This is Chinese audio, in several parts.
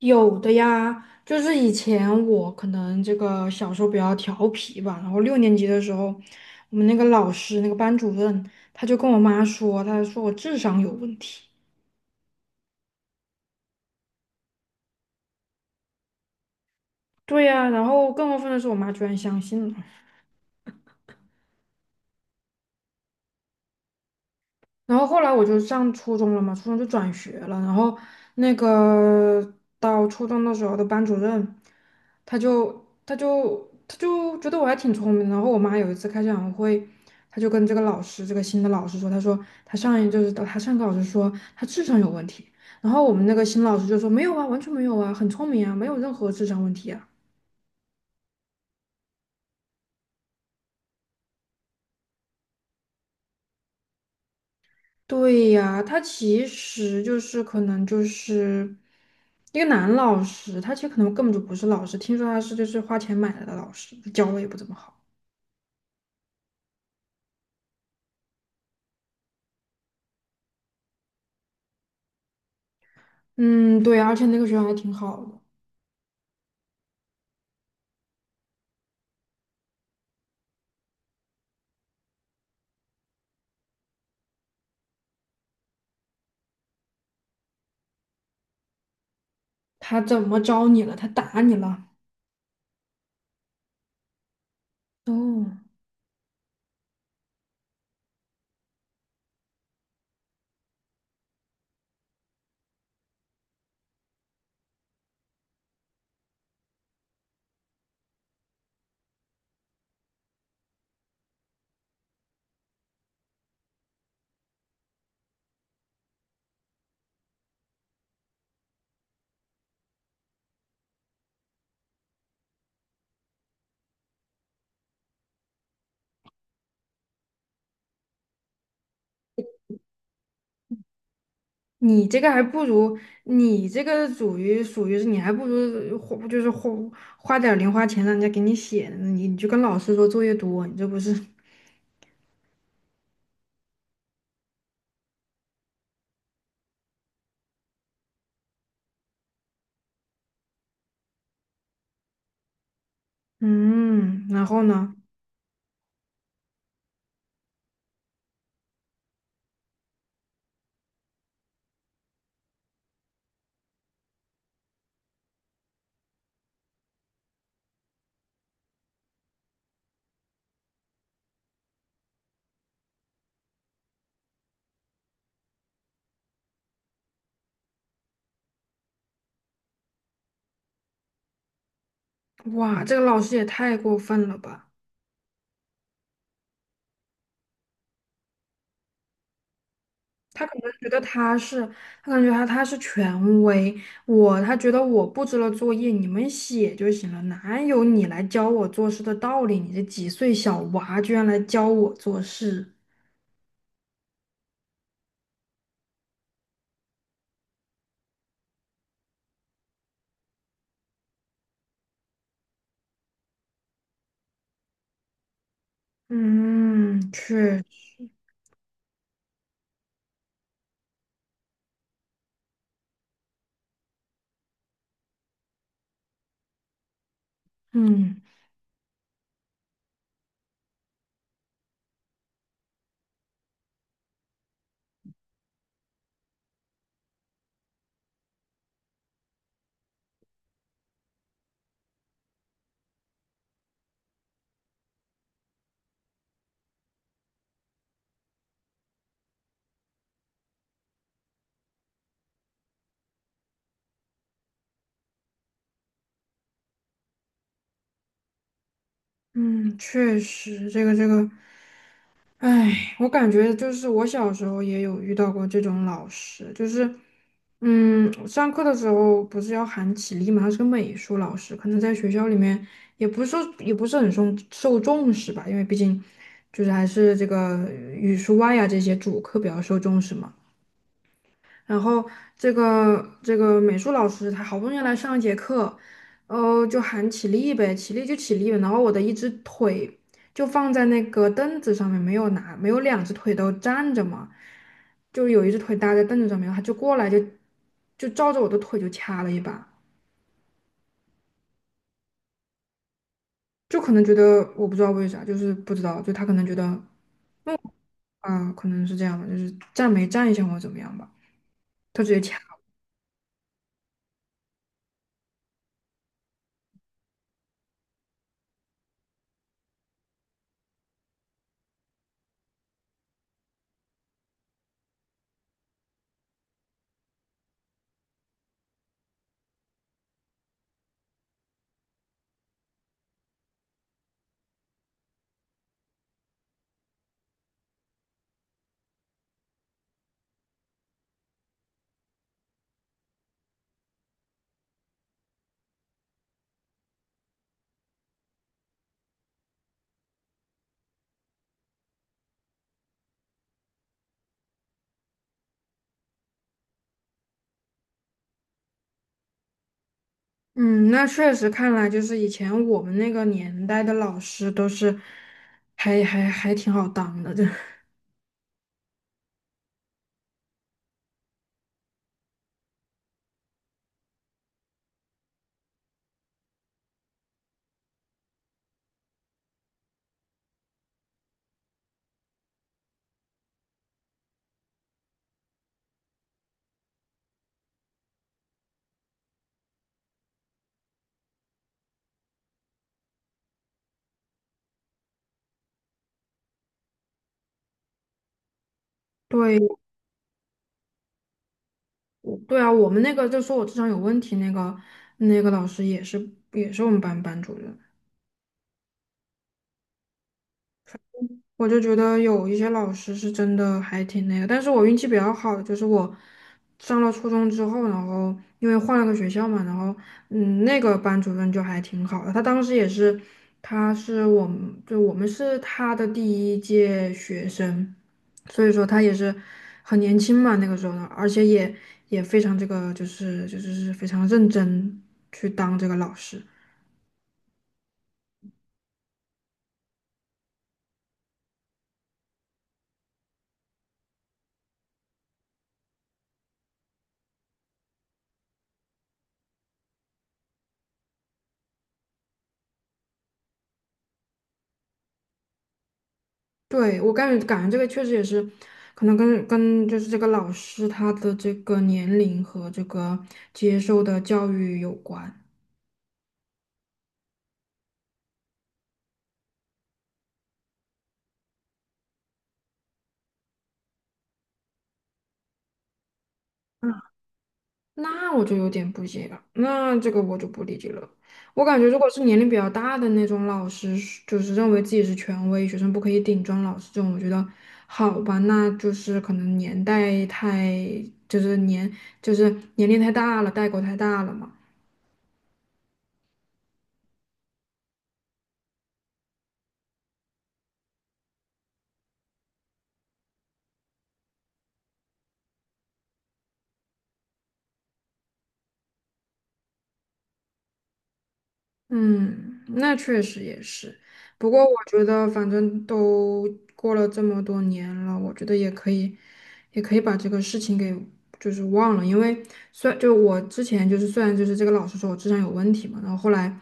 有的呀，就是以前我可能这个小时候比较调皮吧，然后六年级的时候，我们那个老师那个班主任他就跟我妈说，他说我智商有问题。对呀，然后更过分的是，我妈居然相信了。然后后来我就上初中了嘛，初中就转学了。然后那个到初中的时候的班主任，他就觉得我还挺聪明的。然后我妈有一次开家长会，他就跟这个老师，这个新的老师说，他说他上一就是他上课老师说他智商有问题。然后我们那个新老师就说没有啊，完全没有啊，很聪明啊，没有任何智商问题啊。对呀，他其实就是可能就是一个男老师，他其实可能根本就不是老师，听说他是就是花钱买来的老师，教的也不怎么好。嗯，对啊，而且那个学校还挺好的。他怎么招你了？他打你了？哦，你这个还不如你这个属于是你还不如花点儿零花钱让人家给你写呢，你就跟老师说作业多，你这不是 嗯，然后呢？哇，这个老师也太过分了吧！他可能觉得他是，他感觉他是权威，他觉得我布置了作业，你们写就行了，哪有你来教我做事的道理？你这几岁小娃居然来教我做事，嗯，确，嗯嗯，确实，这个这个。唉，我感觉就是我小时候也有遇到过这种老师，就是，上课的时候不是要喊起立嘛，他是个美术老师，可能在学校里面也不是说也不是很受重视吧，因为毕竟就是还是这个语数外啊这些主课比较受重视嘛。然后这个美术老师他好不容易来上一节课，就喊起立呗，起立就起立呗。然后我的一只腿就放在那个凳子上面，没有拿，没有两只腿都站着嘛，就有一只腿搭在凳子上面，他就过来就照着我的腿就掐了一把，就可能觉得我不知道为啥，就是不知道，就他可能觉得啊，可能是这样吧，就是站没站一下或者怎么样吧，他直接掐。嗯，那确实看来就是以前我们那个年代的老师都是还挺好当的，这 对，我对啊，我们那个就说我智商有问题那个老师也是我们班班主任。我就觉得有一些老师是真的还挺那个，但是我运气比较好的就是我上了初中之后，然后因为换了个学校嘛，然后那个班主任就还挺好的，他当时也是，他是我们，就我们是他的第一届学生，所以说他也是很年轻嘛，那个时候呢，而且也非常这个就是是非常认真去当这个老师。对，我感觉这个确实也是，可能跟就是这个老师他的这个年龄和这个接受的教育有关。嗯，那我就有点不解了，那这个我就不理解了。我感觉如果是年龄比较大的那种老师，就是认为自己是权威，学生不可以顶撞老师这种，我觉得好吧，那就是可能年代太，就是年就是年龄太大了，代沟太大了嘛。嗯，那确实也是。不过我觉得，反正都过了这么多年了，我觉得也可以，也可以把这个事情给就是忘了。因为虽然就是这个老师说我智商有问题嘛，然后后来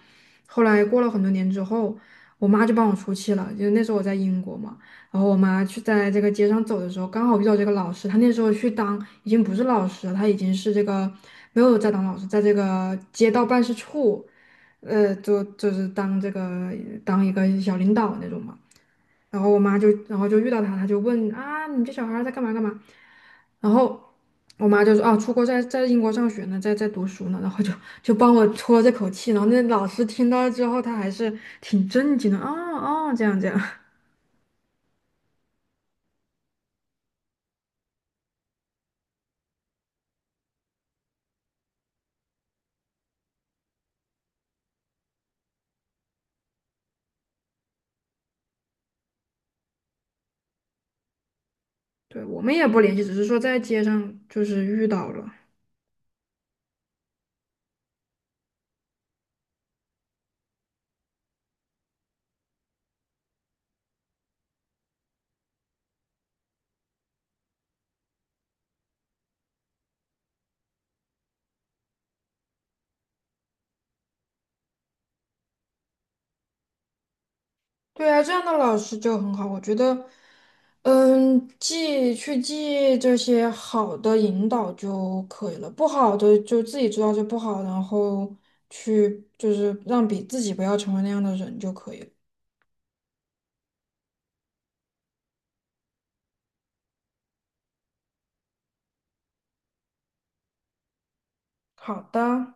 后来过了很多年之后，我妈就帮我出气了。就那时候我在英国嘛，然后我妈去在这个街上走的时候，刚好遇到这个老师。她那时候去当已经不是老师了，她已经是这个没有在当老师，在这个街道办事处。就是当这个当一个小领导那种嘛。然后我妈就，然后就遇到他，他就问啊，你这小孩儿在干嘛干嘛？然后我妈就说啊，出国在英国上学呢，在读书呢。然后就帮我出了这口气。然后那老师听到之后，他还是挺震惊的。啊哦，这样这样，对，我们也不联系，只是说在街上就是遇到了。对啊，这样的老师就很好，我觉得，记这些好的引导就可以了，不好的就自己知道就不好，然后去就是让比自己不要成为那样的人就可以了。好的。